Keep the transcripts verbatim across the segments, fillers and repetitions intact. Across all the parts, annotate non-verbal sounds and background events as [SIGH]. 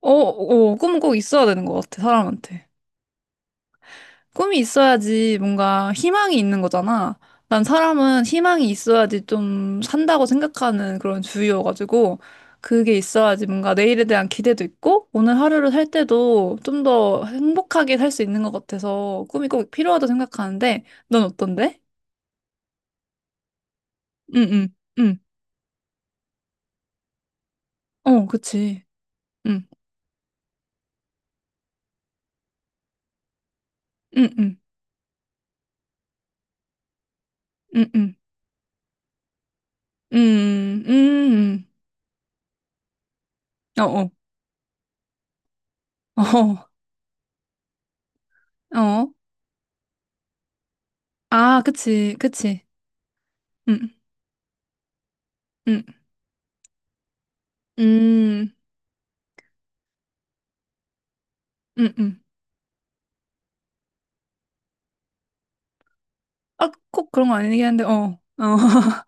어, 어, 꿈은 꼭 있어야 되는 것 같아, 사람한테. 꿈이 있어야지 뭔가 희망이 있는 거잖아. 난 사람은 희망이 있어야지 좀 산다고 생각하는 그런 주의여가지고, 그게 있어야지 뭔가 내일에 대한 기대도 있고, 오늘 하루를 살 때도 좀 더 행복하게 살 수 있는 것 같아서 꿈이 꼭 필요하다고 생각하는데, 넌 어떤데? 응, 응, 응. 어, 그치. 응, 응, 응. 응, 응. 응응, 응응. 어, 어. [LAUGHS] 어, 어. 아, 그치, 그치. 음, 음. 음, 음, 음. 아, 꼭 그런 거 아니긴 한데, 어, 어. [LAUGHS]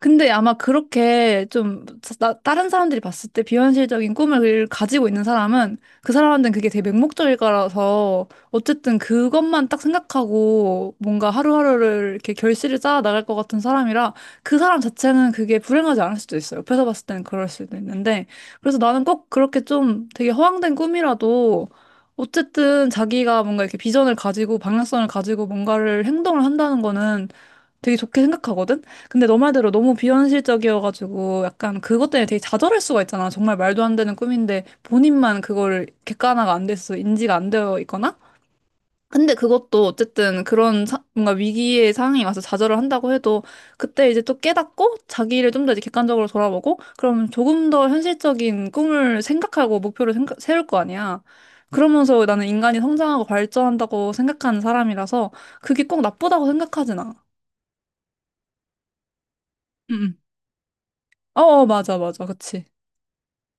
근데 아마 그렇게 좀, 나- 다른 사람들이 봤을 때 비현실적인 꿈을 가지고 있는 사람은 그 사람한테는 그게 되게 맹목적일 거라서, 어쨌든 그것만 딱 생각하고 뭔가 하루하루를 이렇게 결실을 쌓아 나갈 것 같은 사람이라 그 사람 자체는 그게 불행하지 않을 수도 있어요. 옆에서 봤을 때는 그럴 수도 있는데, 그래서 나는 꼭 그렇게 좀 되게 허황된 꿈이라도 어쨌든 자기가 뭔가 이렇게 비전을 가지고 방향성을 가지고 뭔가를 행동을 한다는 거는 되게 좋게 생각하거든? 근데 너 말대로 너무 비현실적이어가지고 약간 그것 때문에 되게 좌절할 수가 있잖아. 정말 말도 안 되는 꿈인데 본인만 그걸 객관화가 안 됐어, 인지가 안 되어 있거나? 근데 그것도 어쨌든 그런 사- 뭔가 위기의 상황이 와서 좌절을 한다고 해도 그때 이제 또 깨닫고 자기를 좀 더 이제 객관적으로 돌아보고, 그러면 조금 더 현실적인 꿈을 생각하고 목표를 생각- 세울 거 아니야. 그러면서 나는 인간이 성장하고 발전한다고 생각하는 사람이라서 그게 꼭 나쁘다고 생각하진 않아. 어, 어, 맞아, 맞아. 그치.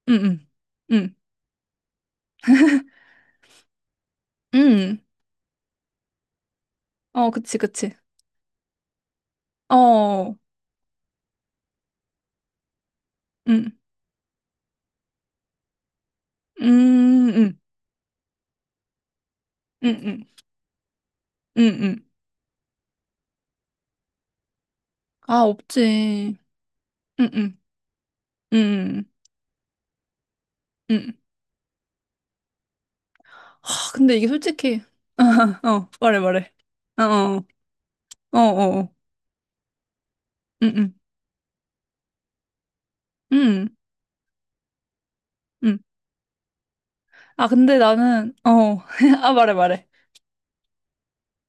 응, 응, 응. 응. 응. 어, 그치, 그치. 어, 응, 응. 응, 응. 응, 응. 응. 아, 없지. 응, 응. 응, 응. 아, 근데 이게 솔직히. [LAUGHS] 어, 말해, 말해. 어, 어. 어, 어. 어. 응, 응. 응, 응. 아, 근데 나는, 어. [LAUGHS] 아, 말해, 말해.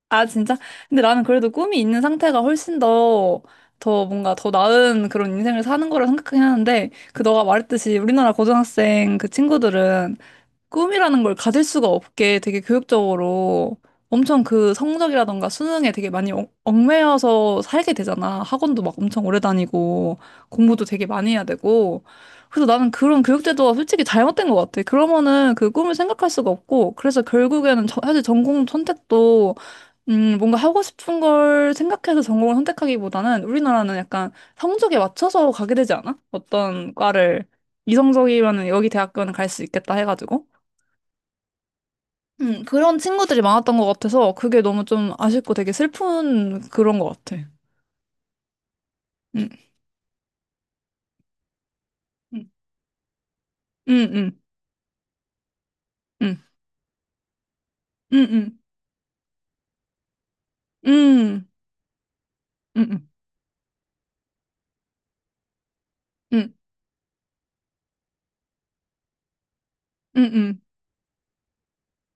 아, 진짜? 근데 나는 그래도 꿈이 있는 상태가 훨씬 더, 더 뭔가 더 나은 그런 인생을 사는 거라 생각하긴 하는데, 그 너가 말했듯이 우리나라 고등학생 그 친구들은 꿈이라는 걸 가질 수가 없게 되게 교육적으로 엄청 그 성적이라던가 수능에 되게 많이 얽- 얽매여서 살게 되잖아. 학원도 막 엄청 오래 다니고 공부도 되게 많이 해야 되고. 그래서 나는 그런 교육제도가 솔직히 잘못된 것 같아. 그러면은 그 꿈을 생각할 수가 없고, 그래서 결국에는 저- 사실 전공 선택도, 음, 뭔가 하고 싶은 걸 생각해서 전공을 선택하기보다는 우리나라는 약간 성적에 맞춰서 가게 되지 않아? 어떤 과를 이성적이면은 여기 대학교는 갈 수 있겠다 해가지고. 음, 그런 친구들이 많았던 것 같아서 그게 너무 좀 아쉽고 되게 슬픈 그런 것 같아. 음, 음. 음, 음. 음, 음. 음, 음. 음, 음. 음, 음. 음.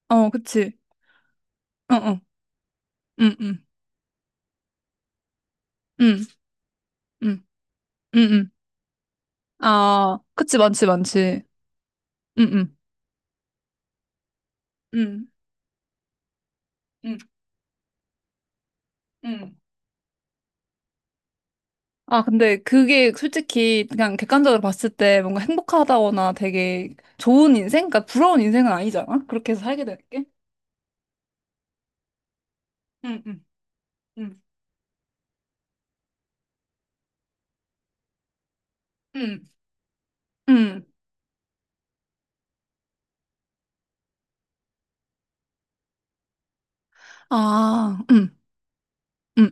어, 그치. 어, 어. 음, 음. 음, 음. 음, 음. 아, 그치, 많지, 많지. 음, 음. 음, 음. 음. 아, 근데 그게 솔직히 그냥 객관적으로 봤을 때 뭔가 행복하다거나 되게 좋은 인생? 그러니까 부러운 인생은 아니잖아? 그렇게 해서 살게 되는 게. 음, 음. 음, 음. 음. 아, 음, 음.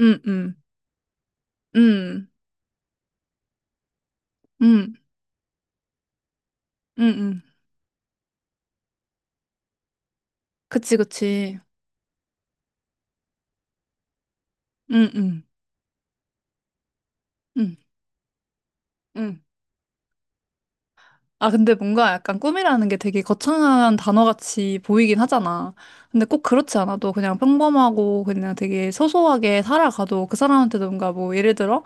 음, 음. 음, 음. 음, 음. 그치, 그치. 음, 음. 음, 음. 아, 근데 뭔가 약간 꿈이라는 게 되게 거창한 단어같이 보이긴 하잖아. 근데 꼭 그렇지 않아도 그냥 평범하고 그냥 되게 소소하게 살아가도 그 사람한테도 뭔가 뭐 예를 들어,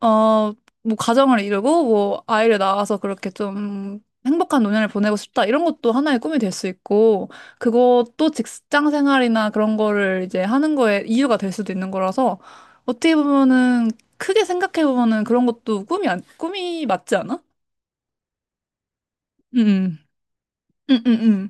어, 뭐 가정을 이루고 뭐 아이를 낳아서 그렇게 좀 행복한 노년을 보내고 싶다. 이런 것도 하나의 꿈이 될 수 있고, 그것도 직장 생활이나 그런 거를 이제 하는 거에 이유가 될 수도 있는 거라서, 어떻게 보면은 크게 생각해 보면은 그런 것도 꿈이, 안- 꿈이 맞지 않아? 음. 응응응.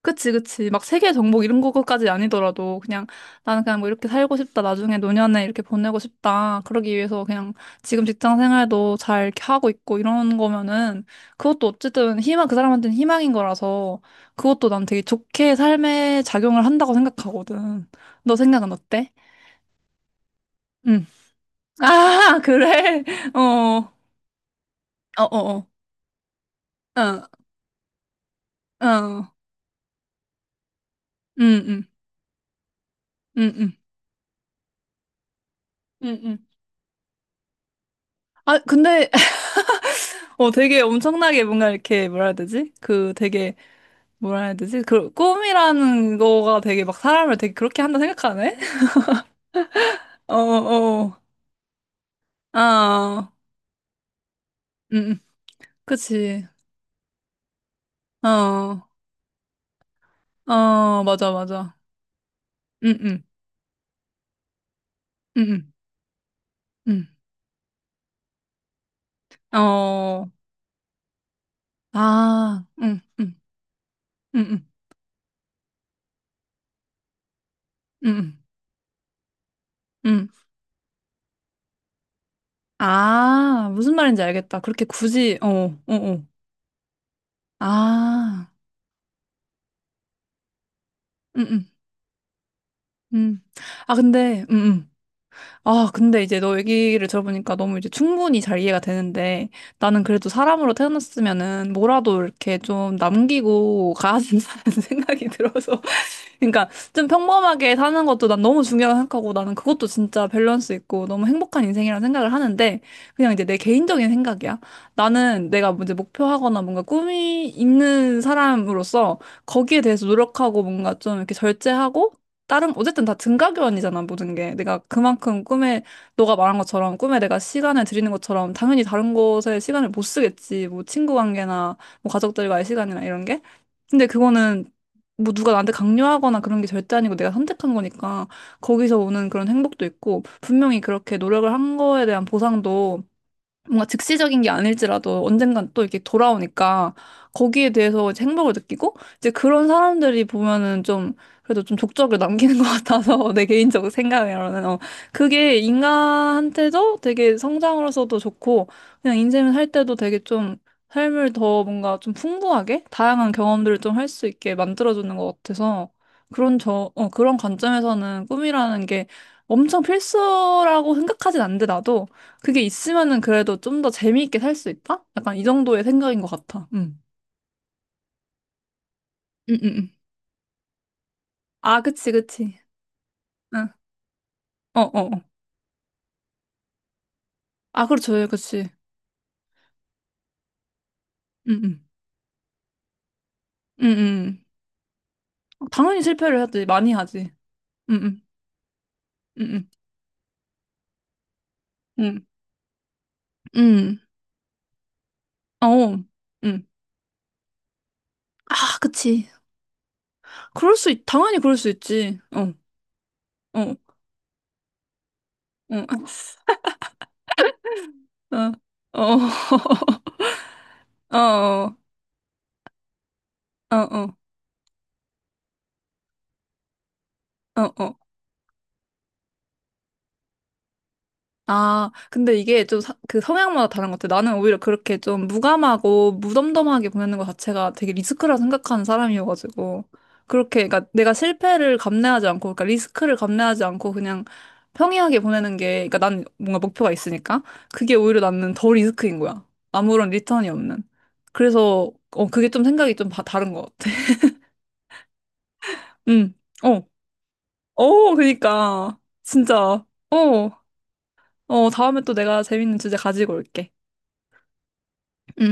그치, 그치. 막 세계 정복 이런 거까지 아니더라도 그냥 나는 그냥 뭐 이렇게 살고 싶다. 나중에 노년에 이렇게 보내고 싶다. 그러기 위해서 그냥 지금 직장 생활도 잘 이렇게 하고 있고 이런 거면은 그것도 어쨌든 희망, 그 사람한테는 희망인 거라서 그것도 난 되게 좋게 삶에 작용을 한다고 생각하거든. 너 생각은 어때? 응. [LAUGHS] 아, 그래? 어, 어. 어, 어. 어, 어. 응, 응, 응. 응, 응. 응. 아, 근데 어, 되게 엄청나게 뭔가 이렇게 뭐라 해야 되지? 그 되게 뭐라 해야 되지? 그 꿈이라는 거가 되게 막 사람을 되게 그렇게 한다 생각하네? [LAUGHS] 어, 어. 아, 응응. 그치. 어, 어, 맞아, 맞아. 응응, 응응, 응응. 어, 아, 응응. 응응, 응 응. 아, 무슨 말인지 알겠다. 그렇게 굳이, 어, 어, 어. 아, 응응, 응응. 아, 근데, 응응. 아, 근데 이제 너 얘기를 들어보니까 너무 이제 충분히 잘 이해가 되는데, 나는 그래도 사람으로 태어났으면은 뭐라도 이렇게 좀 남기고 가야 된다는 [LAUGHS] 생각이 들어서, 그러니까 좀 평범하게 사는 것도 난 너무 중요하다고 생각하고, 나는 그것도 진짜 밸런스 있고 너무 행복한 인생이라는 생각을 하는데, 그냥 이제 내 개인적인 생각이야. 나는 내가 이제 목표하거나 뭔가 꿈이 있는 사람으로서 거기에 대해서 노력하고 뭔가 좀 이렇게 절제하고 다른, 어쨌든 다 등가교환이잖아, 모든 게. 내가 그만큼 꿈에, 너가 말한 것처럼 꿈에 내가 시간을 들이는 것처럼 당연히 다른 곳에 시간을 못 쓰겠지, 뭐 친구 관계나 뭐 가족들과의 시간이나 이런 게. 근데 그거는 뭐 누가 나한테 강요하거나 그런 게 절대 아니고 내가 선택한 거니까 거기서 오는 그런 행복도 있고, 분명히 그렇게 노력을 한 거에 대한 보상도 뭔가 즉시적인 게 아닐지라도 언젠간 또 이렇게 돌아오니까 거기에 대해서 이제 행복을 느끼고. 이제 그런 사람들이 보면은 좀, 그래도 좀 족적을 남기는 [LAUGHS] 것 같아서 내 개인적 생각으로는, 어, 그게 인간한테도 되게 성장으로서도 좋고, 그냥 인생을 살 때도 되게 좀 삶을 더 뭔가 좀 풍부하게 다양한 경험들을 좀 할 수 있게 만들어주는 것 같아서, 그런 저, 어, 그런 관점에서는 꿈이라는 게 엄청 필수라고 생각하진 않는데 나도, 그게 있으면은 그래도 좀 더 재미있게 살 수 있다? 약간 이 정도의 생각인 것 같아. 응. 응, 응, 응. 아, 그치, 그치. 응. 어, 어, 어. 아, 그렇죠. 예, 그치. 응, 응. 응, 응. 응. 당연히 실패를 하지. 많이 하지. 응, 응. 응, 응. 응. 응. 어. 응. 응. 아, 그치. 그럴 수, 있, 당연히 그럴 수 있지. 어, 어, 어. [LAUGHS] 어, 어. [LAUGHS] 어, 어. 어, 어. 어, 어. 아, 근데 이게 좀 그 성향마다 다른 것 같아. 나는 오히려 그렇게 좀 무감하고 무덤덤하게 보내는 것 자체가 되게 리스크라 생각하는 사람이어가지고. 그렇게, 그러니까 내가 실패를 감내하지 않고, 그러니까 리스크를 감내하지 않고 그냥 평이하게 보내는 게, 그러니까 난 뭔가 목표가 있으니까 그게 오히려 나는 덜 리스크인 거야. 아무런 리턴이 없는. 그래서, 어, 그게 좀 생각이 좀 바, 다른 것 같아. [LAUGHS] 응, 어, 어, 그니까. 진짜. 어, 어, 다음에 또 내가 재밌는 주제 가지고 올게.